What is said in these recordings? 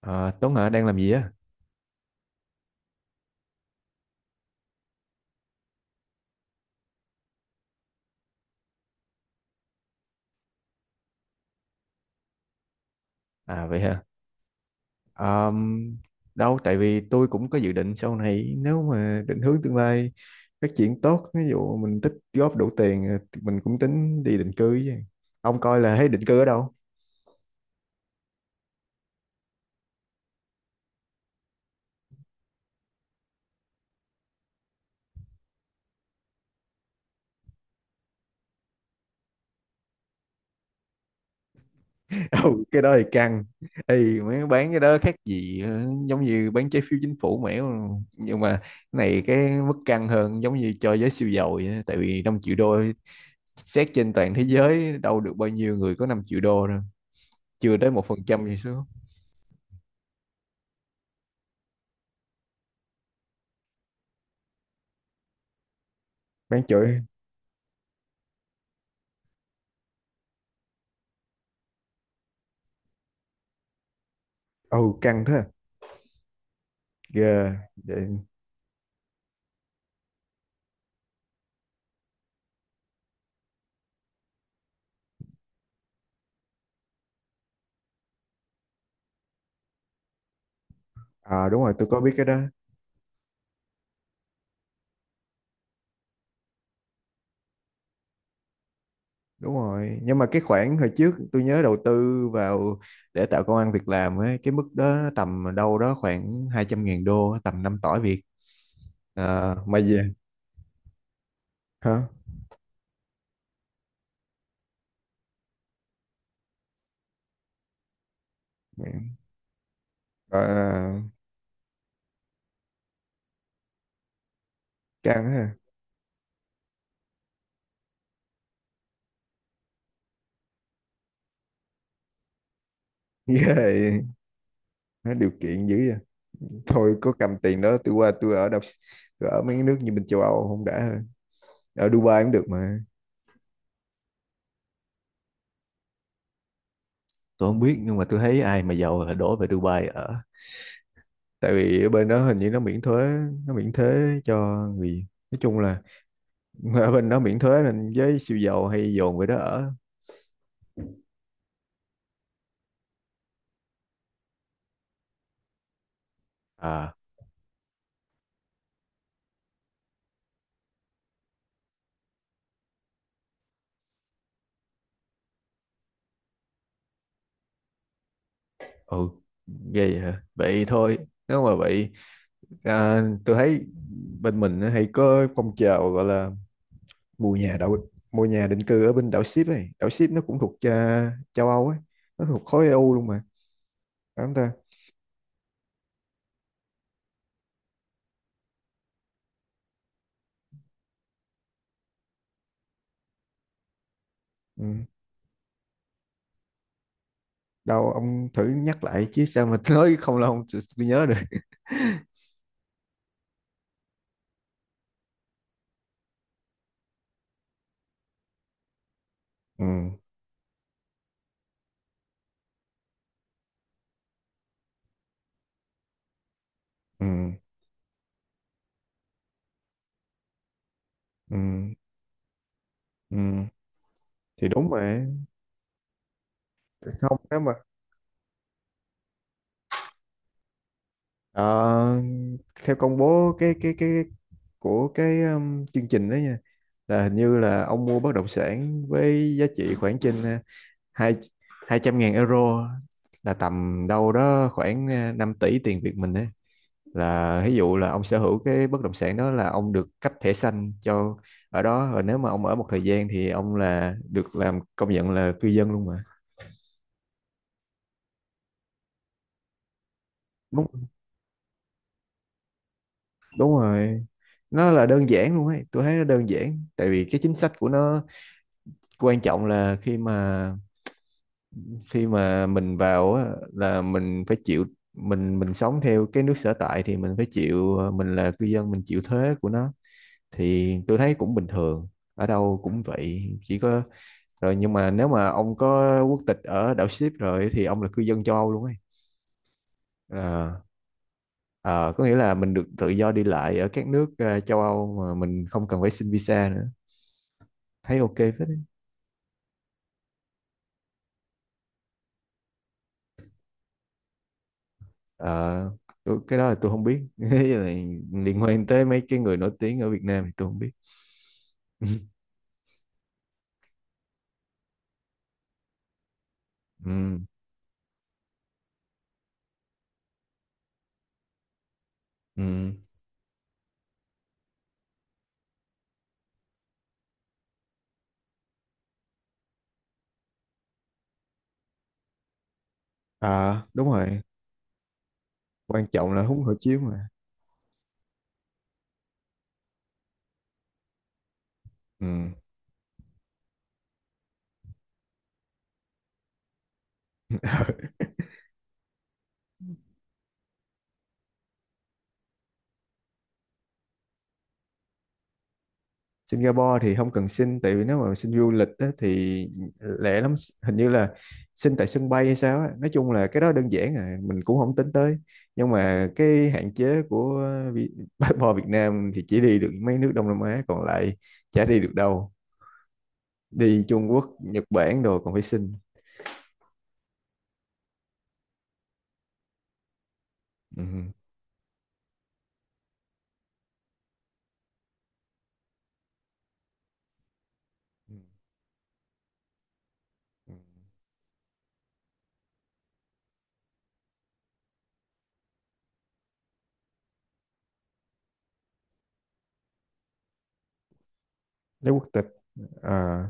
Ờ, Tuấn hả đang làm gì á? À vậy hả? Ờm, Đâu tại vì tôi cũng có dự định sau này nếu mà định hướng tương lai phát triển tốt, ví dụ mình tích góp đủ tiền, thì mình cũng tính đi định cư với. Ông coi là thấy định cư ở đâu? Ừ, cái đó thì căng. Ê, mấy bán cái đó khác gì, giống như bán trái phiếu chính phủ mẻo, nhưng mà cái này cái mức căng hơn, giống như cho giới siêu giàu vậy á. Tại vì 5 triệu đô, xét trên toàn thế giới đâu được bao nhiêu người có 5 triệu đô đâu, chưa tới 1% gì số. Bán chổi. Ừ, căng thế à? Ghê vậy. À, đúng rồi, tôi có biết cái đó. Đúng rồi, nhưng mà cái khoản hồi trước tôi nhớ đầu tư vào để tạo công ăn việc làm ấy, cái mức đó nó tầm đâu đó khoảng 200 ngàn đô, tầm 5 tỏi Việt. À, mà gì? Hả? Ờ, căng ha. Ghê. Nó điều kiện dữ vậy. Thôi có cầm tiền đó tôi qua tôi ở đọc, tôi ở mấy cái nước như bên châu Âu không đã hơn. Ở Dubai cũng được mà. Tôi không biết, nhưng mà tôi thấy ai mà giàu là đổ về Dubai ở, tại vì ở bên đó hình như nó miễn thuế, nó miễn thuế cho người, nói chung là ở bên đó miễn thuế nên với siêu giàu hay dồn về đó ở. À. Ừ. Ghê vậy hả. Vậy thôi, nếu mà vậy, tôi thấy bên mình nó hay có phong trào gọi là mua nhà định cư ở bên đảo Ship ấy. Đảo Ship nó cũng thuộc, châu Âu ấy, nó thuộc khối EU luôn mà, phải không ta? Ừ. Đâu ông thử nhắc lại chứ sao mà nói không là không, tôi nhớ được. Ừ. Ừ. Ừ. Ừ. Thì đúng mà. Không, nếu mà, ờ, theo công bố cái của cái, chương trình đó nha, là hình như là ông mua bất động sản với giá trị khoảng trên, hai 200 ngàn euro, là tầm đâu đó khoảng, 5 tỷ tiền Việt mình ấy, là ví dụ là ông sở hữu cái bất động sản đó là ông được cấp thẻ xanh cho ở đó rồi. Nếu mà ông ở một thời gian thì ông là được làm công nhận là cư dân luôn mà. lúc Đúng rồi, nó là đơn giản luôn ấy, tôi thấy nó đơn giản tại vì cái chính sách của nó. Quan trọng là khi mà mình vào á, là mình phải chịu, mình sống theo cái nước sở tại thì mình phải chịu, mình là cư dân mình chịu thuế của nó, thì tôi thấy cũng bình thường, ở đâu cũng vậy chỉ có rồi. Nhưng mà nếu mà ông có quốc tịch ở đảo ship rồi thì ông là cư dân châu Âu luôn ấy. Ờ, ờ, có nghĩa là mình được tự do đi lại ở các nước, châu Âu mà mình không cần phải xin visa nữa. Thấy ok phết đấy. Ờ, cái đó là tôi không biết. Cái này liên quan tới mấy cái người nổi tiếng ở Việt Nam thì tôi không biết. Ừ. Ừ. À, đúng rồi. Quan trọng là húng hộ chiếu mà. Ừ. Singapore thì không cần xin, tại vì nếu mà xin du lịch á, thì lẻ lắm, hình như là xin tại sân bay hay sao á. Nói chung là cái đó đơn giản à, mình cũng không tính tới, nhưng mà cái hạn chế của Vi- passport Việt Nam thì chỉ đi được mấy nước Đông Nam Á, còn lại chả đi được đâu, đi Trung Quốc Nhật Bản đồ còn phải xin. Ừ. Ừ. Ừ. Lấy quốc tịch. À.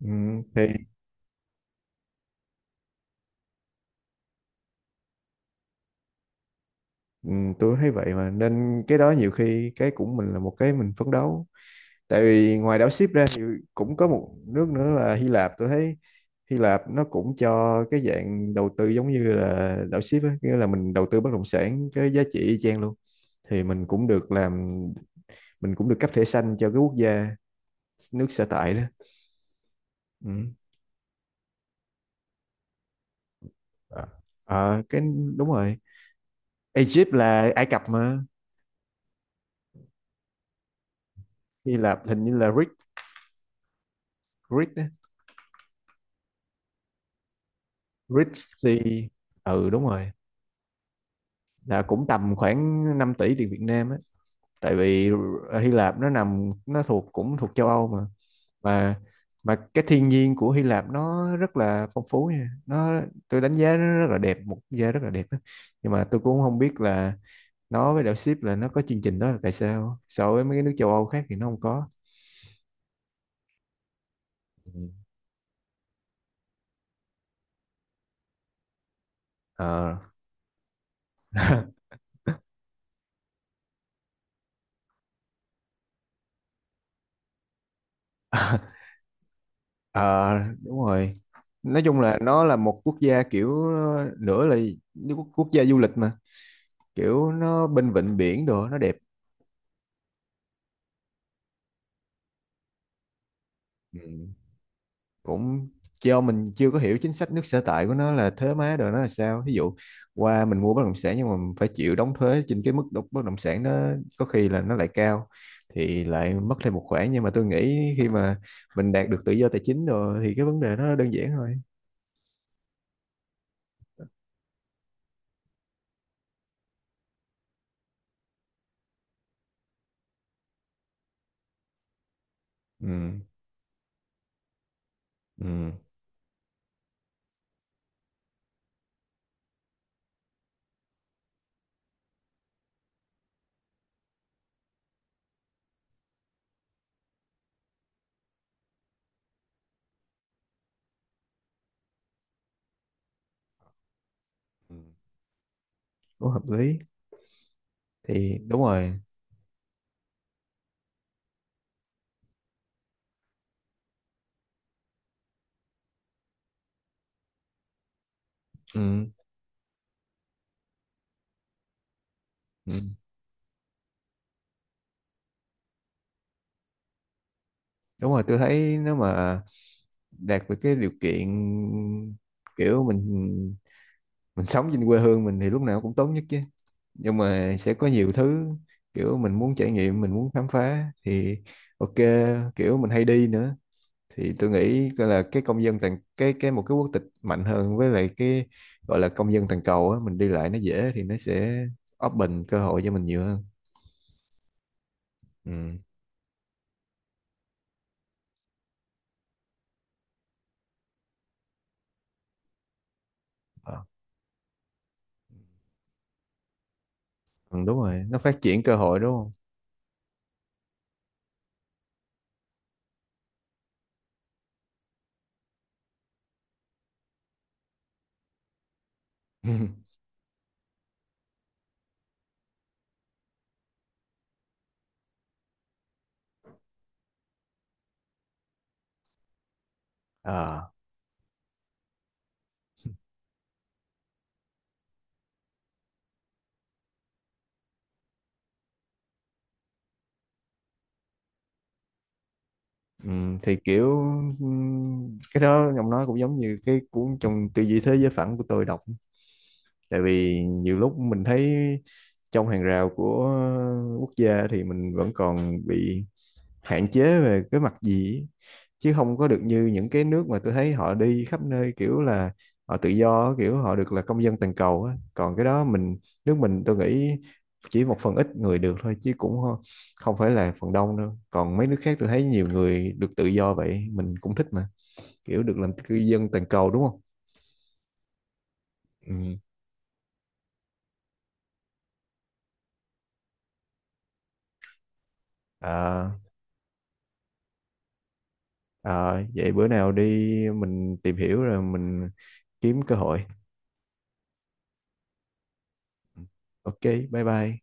Ừ. Thì. Ừ. Tôi thấy vậy mà nên cái đó nhiều khi cái cũng mình là một cái mình phấn đấu, tại vì ngoài đảo ship ra thì cũng có một nước nữa là Hy Lạp, tôi thấy. Hy Lạp nó cũng cho cái dạng đầu tư giống như là đảo ship á, nghĩa là mình đầu tư bất động sản cái giá trị y chang luôn, thì mình cũng được làm, mình cũng được cấp thẻ xanh cho cái quốc gia nước sở tại đó. Ừ. Ờ, Ờ, cái Đúng rồi. Egypt là Ai Cập mà. Hy Lạp hình như là Greek. Greek á. Greek Sea. Ừ đúng rồi. Là cũng tầm khoảng 5 tỷ tiền Việt Nam á. Tại vì Hy Lạp nó nằm, nó thuộc cũng thuộc châu Âu mà. Mà mà cái thiên nhiên của Hy Lạp nó rất là phong phú nha. Tôi đánh giá nó rất là đẹp, một quốc gia rất là đẹp á. Nhưng mà tôi cũng không biết là nó với đảo ship là nó có chương trình đó là tại sao so với mấy cái nước châu Âu khác thì nó không có. Ừ. Ờ. Ờ Đúng rồi. Nói chung là nó là một quốc gia kiểu, nữa là như quốc quốc gia du lịch mà, kiểu nó bên vịnh biển đồ nó đẹp. Ừ. Cũng do mình chưa có hiểu chính sách nước sở tại của nó là thuế má đồ nó là sao. Ví dụ qua mình mua bất động sản nhưng mà mình phải chịu đóng thuế trên cái mức bất động sản, nó có khi là nó lại cao, thì lại mất thêm một khoản, nhưng mà tôi nghĩ khi mà mình đạt được tự do tài chính rồi thì cái vấn đề nó đơn giản thôi. Ừ. Ừ. Ừ. Cũng hợp lý. Thì đúng rồi. Ừ. Ừ. Đúng rồi, tôi thấy nếu mà đạt được cái điều kiện, kiểu mình sống trên quê hương mình thì lúc nào cũng tốt nhất chứ, nhưng mà sẽ có nhiều thứ kiểu mình muốn trải nghiệm mình muốn khám phá thì ok, kiểu mình hay đi nữa thì tôi nghĩ coi là cái công dân toàn cái một cái quốc tịch mạnh hơn, với lại cái gọi là công dân toàn cầu á, mình đi lại nó dễ thì nó sẽ open cơ hội cho mình nhiều hơn. Ừ. Ờ, ừ, Đúng rồi, nó phát triển cơ hội, đúng không? Ờ, thì kiểu, cái đó ông nói cũng giống như cái cuốn trong tư duy thế giới phẳng của tôi đọc, tại vì nhiều lúc mình thấy trong hàng rào của quốc gia thì mình vẫn còn bị hạn chế về cái mặt gì ấy, chứ không có được như những cái nước mà tôi thấy họ đi khắp nơi, kiểu là họ tự do, kiểu họ được là công dân toàn cầu á. Còn cái đó mình nước mình tôi nghĩ chỉ một phần ít người được thôi, chứ cũng không phải là phần đông đâu, còn mấy nước khác tôi thấy nhiều người được tự do vậy mình cũng thích mà, kiểu được làm cư dân toàn cầu đúng không? Ừ. à, Vậy bữa nào đi mình tìm hiểu rồi mình kiếm cơ hội. Ừ. Ok, bye bye.